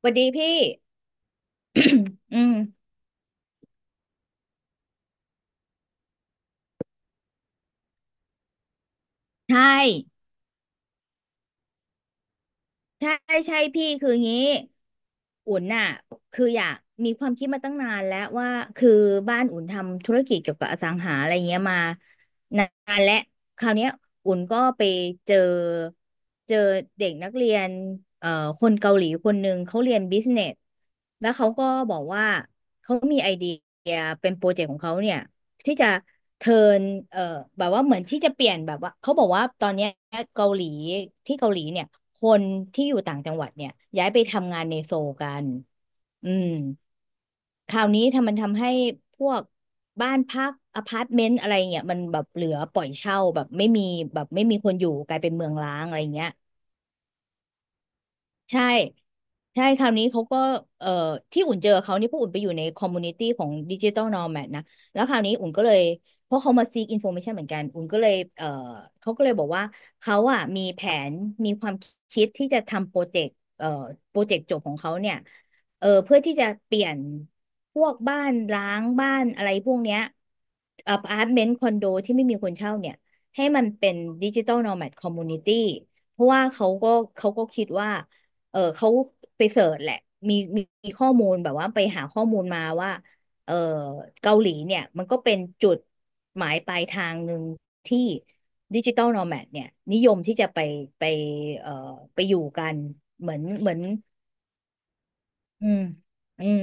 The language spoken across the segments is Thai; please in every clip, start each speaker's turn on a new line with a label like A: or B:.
A: สวัสดีพี่ อืมใช่ใช่ใช่พี่คืองี้อุ่นน่ะคืออยากมีความคิดมาตั้งนานแล้วว่าคือบ้านอุ่นทำธุรกิจเกี่ยวกับอสังหาอะไรเงี้ยมานานและคราวเนี้ยอุ่นก็ไปเจอเจอเด็กนักเรียนเอ่อคนเกาหลีคนหนึ่งเขาเรียนบิสเนสแล้วเขาก็บอกว่าเขามีไอเดียเป็นโปรเจกต์ของเขาเนี่ย ที่จะเทิร์นเอ่อแบบว่าเหมือนที่จะเปลี่ยนแบบว่าเขาบอกว่าตอนเนี้ยเกาหลีที่เกาหลีเนี่ยคนที่อยู่ต่างจังหวัดเนี่ยย้ายไปทำงานในโซลกันอืมคราวนี้ทำมันทำให้พวกบ้านพักอพาร์ตเมนต์อะไรเงี้ยมันแบบเหลือปล่อยเช่าแบบไม่มีคนอยู่กลายเป็นเมืองร้างอะไรเงี้ย ใช่ใช่คราวนี้เขาก็เอ่อที่อุ่นเจอเขานี่เพราะอุ่นไปอยู่ในคอมมูนิตี้ของดิจิตอลนอมแมนะ แล้วคราวนี้อุ่นก็เลย เพราะเขามาซีกอินโฟ a t ชันเหมือนกัน อุ่นก็เลยเขาก็เลยบอกว่า เขาอ่ะมีแผนมีความคิดที่จะทำโปรเจกต์โปรเจกต์จบของเขาเนี่ยเออเพื่อที่จะเปลี่ยนพวกบ้านร้างบ้านอะไรพวกเนี้ยอพาร์ตเมนต์คอนโดที่ไม่มีคนเช่าเนี่ยให้มันเป็นดิจิตอลนอมแมคอมมูนิตี้เพราะว่าเขาก็คิดว่า เออเขาไปเสิร์ชแหละมีข้อมูลแบบว่าไปหาข้อมูลมาว่าเออเกาหลีเนี่ยมันก็เป็นจุดหมายปลายทางหนึ่งที่ดิจิ t a ลน m a แม d เนี่ยนิยมที่จะไปไปเอ่อไปอยู่กันเหมือนเหมือนอืมอืม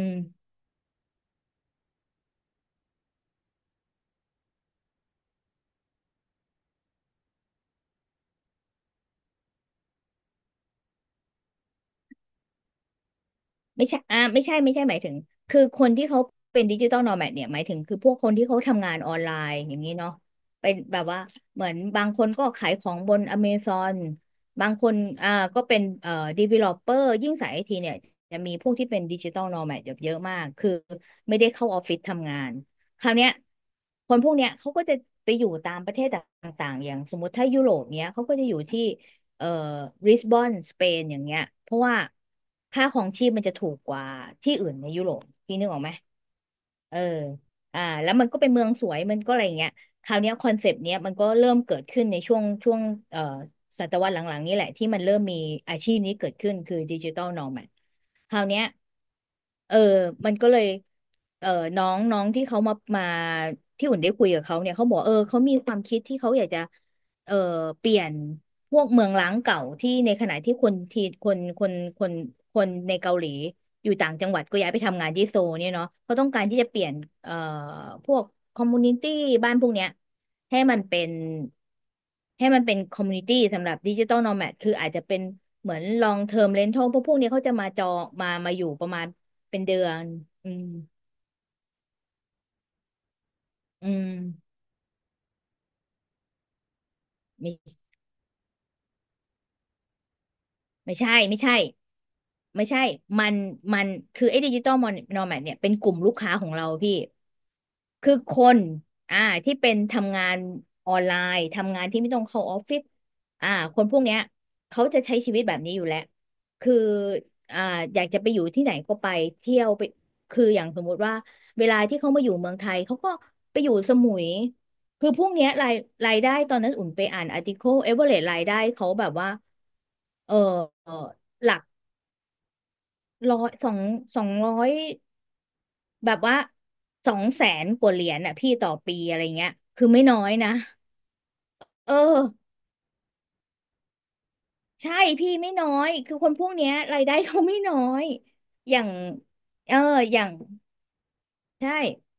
A: ไม่ใช่อ่าไม่ใช่ ไม่ใช่ หมายถึงคือคนที่เขาเป็นดิจิตอลโนแมดเนี่ยหมายถึง คือพวกคนที่เขาทำงานออนไลน์ อย่างนี้เนาะเป็นแบบว่าเหมือนบางคนก็ขายของบนอเมซอนบางคนอ่าก็เป็นดีเวลลอปเปอร์ยิ่งสายไอทีเนี่ยจะมีพวกที่เป็นดิจิตอลโนแมดเยอะมาก คือไม่ได้เข้าออฟฟิศทำงาน คราวเนี้ยคนพวกเนี้ยเขาก็จะไปอยู่ตามประเทศต่างๆอย่างสมมติถ้ายุโรปเนี้ยเขาก็จะอยู่ที่ เอ่อบริสบอนสเปนอย่างเงี้ยเพราะว่าค่าของชีพมันจะถูกกว่าที่อื่นในยุโรปพี่นึกออกไหมเอออ่าแล้วมันก็เป็นเมืองสวยมันก็อะไรอย่างเงี้ยคราวเนี้ยคอนเซปต์เนี้ยมันก็เริ่มเกิดขึ้นในช่วงช่วงเอ่อศตวรรษหลังๆนี่แหละที่มันเริ่มมีอาชีพนี้เกิดขึ้นคือดิจิ t a ลนอ m a d คราวเนี้ยเออมันก็เลยเออน้องน้องที่เขามาที่อุ่นได้คุยกับเขาเนี่ยเขาบอกเออเขามีความคิดที่เขาอยากจะ เอ่อเปลี่ยนพวกเมืองร้างเก่าที่ในขณะที่คนที่คนคนในเกาหลีอยู่ต่างจังหวัดก็ย้ายไปทำงานที่โซลเนี่ยเนาะเขาต้องการที่จะเปลี่ยนเอ่อพวกคอมมูนิตี้บ้านพวกเนี้ยให้มันเป็นให้มันเป็นคอมมูนิตี้สำหรับดิจิ t a ลโนแมดคืออาจจะเป็นเหมือนลองเทอมเรนทัลพวกเนี้ยเขาจะมาจองมาอยู่ประมาณเป็นเดือนอืมอืมไม่ไม่ใช่ไม่ใช่ ไม่ใช่ มันมันคือไอ้ดิจิตอลนอแมดเนี่ยเป็นกลุ่มลูกค้าของเราพี่ คือคนอ่าที่เป็นทำงานออนไลน์ทำงานที่ไม่ต้องเข้าออฟฟิศอ่าคนพวกเนี้ยเขาจะใช้ชีวิตแบบนี้อยู่แล้ว คืออ่าอยากจะไปอยู่ที่ไหนก็ไปเที่ยวไปคืออย่างสมมุติว่า เวลาที่เขามาอยู่เมืองไทย เขาก็ไปอยู่สมุย คือพวกเนี้ยรายได้ตอนนั้นอุ่นไปอ่านอาร์ติเคิลเอเวอเรสรายได้เขาแบบว่า เออเอ่อหลัก ร้อยสองสองร้อยแบบว่าสองแสนกว่าเหรียญอ่ะพี่ต่อปีอะไรเงี้ยคือไม่น้อยนะเออใช่พี่ไม่น้อยคือคนพวกเนี้ยรายได้เขาไม่น้อยอย่างเอออย่างใช่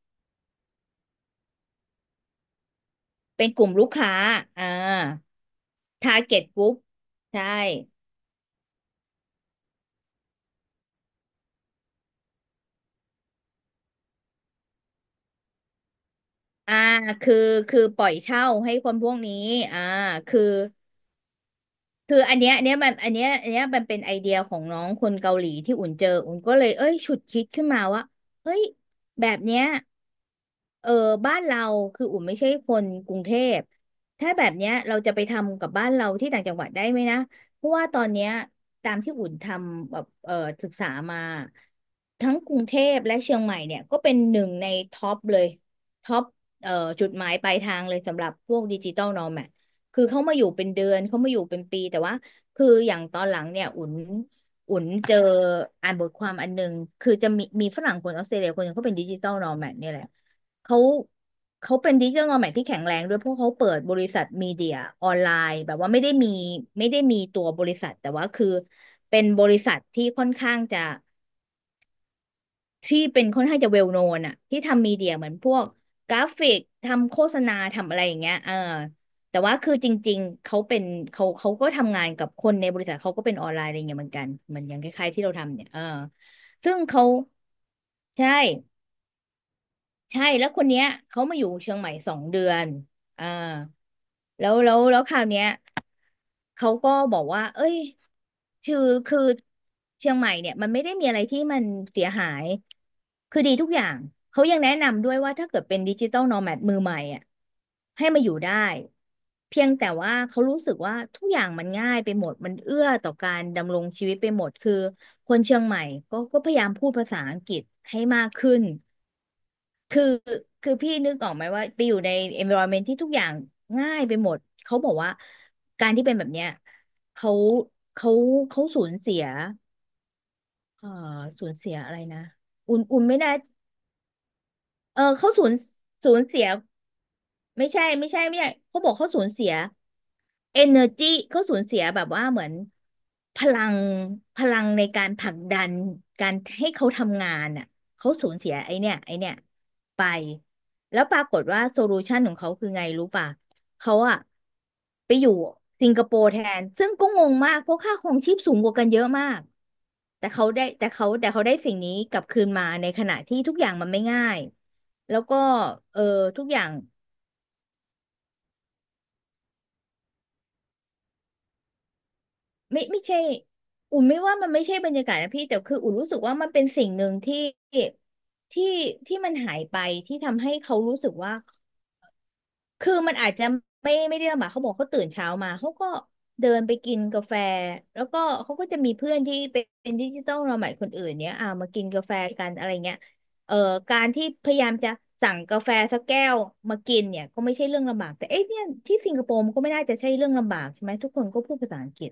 A: เป็นกลุ่มลูกค้าอ่า target group ใช่อ่าคือคือปล่อยเช่าให้คนพวกนี้อ่าคือ คืออันเนี้ยอันเนี้ยมันอันเนี้ยอันเนี้ยมันเป็นไอเดียของน้องคนเกาหลีที่อุ่นเจออุ่นก็เลยเอ้ยฉุดคิดขึ้นมาว่าเฮ้ยแบบเนี้ยเออบ้านเราคืออุ่นไม่ใช่คนกรุงเทพถ้าแบบเนี้ยเราจะไปทำกับบ้านเราที่ต่างจังหวัดได้ไหมนะเพราะว่าตอนเนี้ยตามที่อุ่นทำแบบศึกษามาทั้งกรุงเทพและเชียงใหม่เนี่ยก็เป็นหนึ่งในท็อปเลยท็อปเอ่อจุดหมายปลายทางเลยสำหรับพวกดิจิตอลโนแม คือเขามาอยู่เป็นเดือนเขามาอยู่เป็นปีแต่ว่าคืออย่างตอนหลังเนี่ยอุ่นเจออ่านบทความอันหนึ่งคือจะมีฝรั่งคนออสเตรเลียคนหนึงเขาเป็นดิจิตอลนอแมดเนี่ยแหละเขาเขาเป็นดิจิตอลนอแมดที่แข็งแรงด้วยเพราะเขาเปิดบริษัทมีเดียออนไลน์แบบว่าไม่ได้มีตัวบริษัทแต่ว่าคือเป็นบริษัทที่ค่อนข้างจะ ที่เป็นค่อนข้างจะเวลโนนอะที่ทำมีเดียเหมือนพวกกราฟิกทำโฆษณาทำอะไรอย่างเงี้ยแต่ว่าคือจริงๆเขาเป็นเขาก็ทำงานกับคนในบริษัทเขาก็เป็นออนไลน์อะไรเงี้ยเหมือนกันเหมันอย่างคล้ายๆที่เราทำเนี่ยซึ่งเขาใช่ใช่แล้วคนเนี้ยเขามาอยู่เชียงใหม่สองเดือนอ่าแล้วคราวเนี้ย เขาก็บอกว่า เอ้ยคือคือเชียงใหม่เนี่ย มันไม่ได้มีอะไรที่มันเสียหาย คือดีทุกอย่าง เขายังแนะนำด้วยว่าถ้าเกิดเป็นดิจิตอลโนแมดมือใหม่อ่ะให้มาอยู่ได้ เพียงแต่ว่าเขารู้สึกว่าทุกอย่างมันง่ายไปหมด มันเอื้อต่อการดำรงชีวิตไปหมด คือคนเชียงใหม่ก็พยายามพูดภาษาอังกฤษให้มากขึ้น คือคือพี่นึกออกไหมว่าไปอยู่ใน environment ที่ทุกอย่างง่ายไปหมดเขาบอกว่าการที่เป็นแบบเนี้ยเขาเขาเขาสูญเสียเอ่อสูญเสียอะไรนะอุ่นไม่ได้เออเขาสูญสูญเสียไม่ใช่ไม่ใช่ไม่ใช่เขาบอกเขาสูญเสีย energy เขาสูญเสียแบบว่าเหมือนพลังพลังในการผลักดันการให้เขาทำงานอ่ะเขาสูญเสียไอเนี่ยไอเนี่ยไปแล้วปรากฏว่าโซลูชันของเขาคือไงรู้ป่ะเขาอะไปอยู่สิงคโปร์แทนซึ่งก็งงมากเพราะค่าครองชีพสูงกว่ากันเยอะมากแต่เขาได้แต่เขาได้สิ่งนี้กลับคืนมาในขณะที่ทุกอย่างมันไม่ง่ายแล้วก็เออทุกอย่าง ไม่ไม่ใช่อุ่นไม่ว่ามันไม่ใช่บรรยากาศนะพี่แต่คืออุ่นรู้สึกว่ามันเป็นสิ่งหนึ่งที่ที่มันหายไปที่ทำให้เขารู้สึกว่าคือมันอาจจะไม่ได้ลำบากเขาบอกเขาตื่นเช้ามาเขาก็เดินไปกินกาแฟแล้วก็เขาก็จะมีเพื่อนที่เป็นดิจิตอลเราใหม่คนอื่นเนี้ยอ่ามากินกาแฟกันอะไรเงี้ยเอ่อการที่พยายามจะสั่งกาแฟสักแก้วมากินเนี่ยก็ไม่ใช่เรื่องลำบากแต่เอ๊ะเนี่ยที่สิงคโปร์มันก็ไม่น่าจะใช่เรื่องลำบากใช่ไหมทุกคนก็พูดภาษาอังกฤษ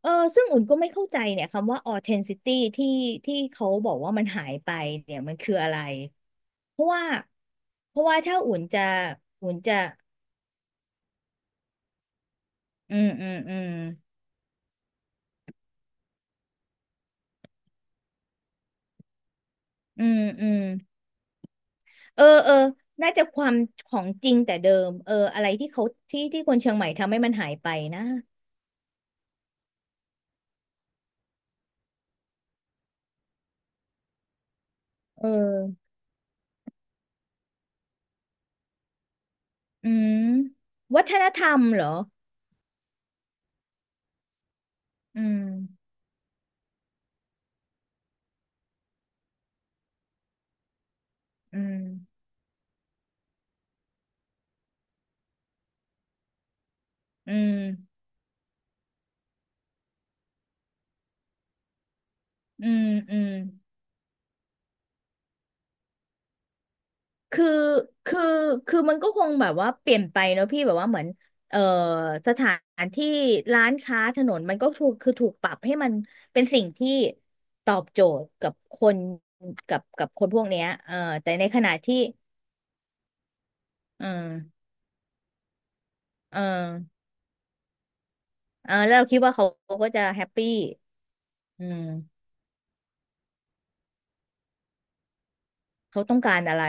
A: ซึ่งอุ่นก็ไม่เข้าใจเนี่ยคำว่า authenticity ที่ที่เขาบอกว่ามันหายไปเนี่ยมันคืออะไร เพราะว่าเพราะว่าถ้าอุ่นจะอุ่นจะอืมอืมอืมอืมอืมเอเออน่าจะความของจริงแต่เดิมอะไรที่เขาที่คนเชียงใหม่ทำให้มันหายไปนะเอออืมวัฒนธรรมเหรอ อืมอืมอืมอืมอืม คือคือคือมันก็คงแบบว่าเปลี่ยนไปเนอะพี่แบบว่าเหมือนเอ่อสถานที่ร้านค้าถนนมันก็ถูกถูกปรับให้มันเป็นสิ่งที่ตอบโจทย์กับคนกับคนพวกเนี้ยแต่ในขณะที่เออเออเออแล้วเราคิดว่าเขาก็จะแฮปปี้อืมเขาต้องการอะไร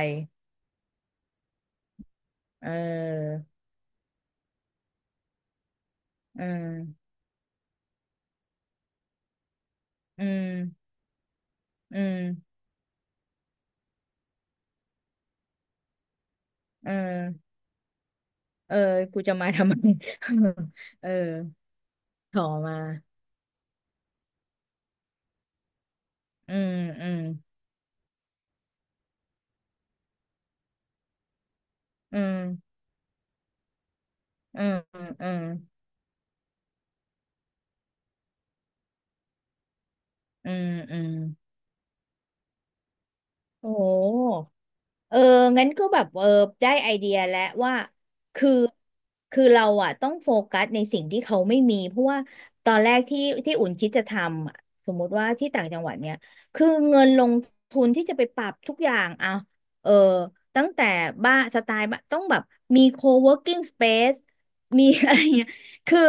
A: เออเอออืมอืมเออเออกูจะมาทำไม เออต่อมา อืมอืมอืมอืมอืมอืมอืมโอ้โหเอองั้นก็แบบได้ไอเดียแล้วว่า คือ คือเราอะต้องโฟกัสในสิ่งที่เขาไม่มีเพราะว่าตอนแรกที่อุ่นคิดจะทำอะสมมติว่าที่ต่างจังหวัดเนี่ยคือเงินลงทุนที่จะไปปรับทุกอย่างอ่ะเออตั้งแต่บ้านสไตล์บ้านต้องแบบมี co-working space มีอะไรเงี้ยคือ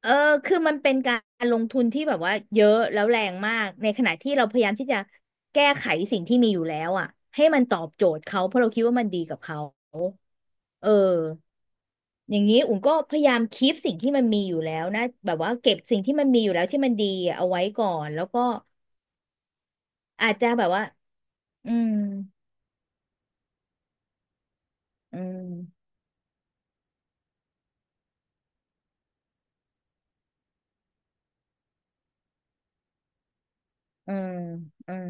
A: เออคือมันเป็นการลงทุนที่แบบว่าเยอะแล้วแรงมากในขณะที่เราพยายามที่จะแก้ไขสิ่งที่มีอยู่แล้วอ่ะให้มันตอบโจทย์เขาเพราะเราคิดว่ามันดีกับเขาเอออย่างนี้อุ่นก็พยายามคีปสิ่งที่มันมีอยู่แล้วนะแบบว่าเก็บสิ่งที่มันมีอยู่แล้วที่มันดีอะเอาไว้ก่อนแล้วก็อาจจะแบบว่าอืมอืมอืมอืม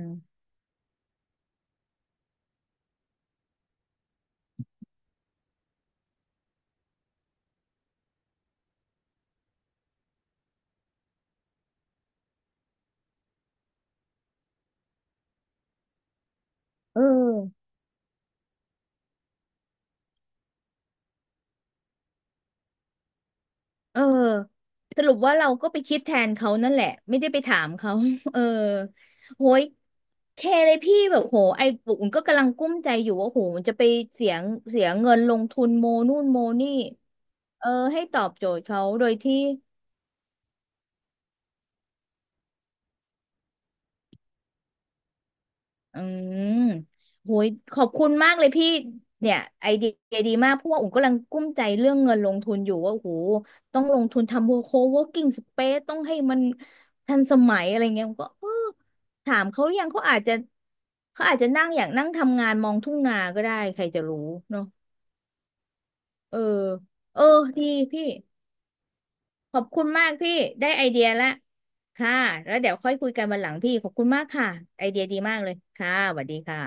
A: เออ เออสรุปว่าเราก็ไปคิดแทนเขานั่นแหละไม่ได้ไปถามเขา เออโหยแค่เลยพี่แบบโหไอ้ปุ๋มก็กำลังกุ้มใจอยู่ว่าโหมันจะไปเสียงเสียเงินลงทุนโมนู่นโมนี่เออให้ตอบโจทย์เขาโดยที่ อืมโหยขอบคุณมากเลยพี่เนี่ยไอเดียดีมากเพราะว่าอุ๋มกำลังกุ้มใจเรื่องเงินลงทุนอยู่ว่าโอ้โหต้องลงทุนทำโคเวิร์กิ้งสเปซต้องให้มันทันสมัยอะไรเงี้ยอุ๋มก็ถามเขาหรือยังเขาอาจจะนั่งอย่างนั่งทำงานมองทุ่งนาก็ได้ใครจะรู้เนาะเออดีพี่ขอบคุณมากพี่ได้ไอเดียละค่ะแล้วเดี๋ยวค่อยคุยกันวันหลังพี่ขอบคุณมากค่ะไอเดียดีมากเลยค่ะสวัสดีค่ะ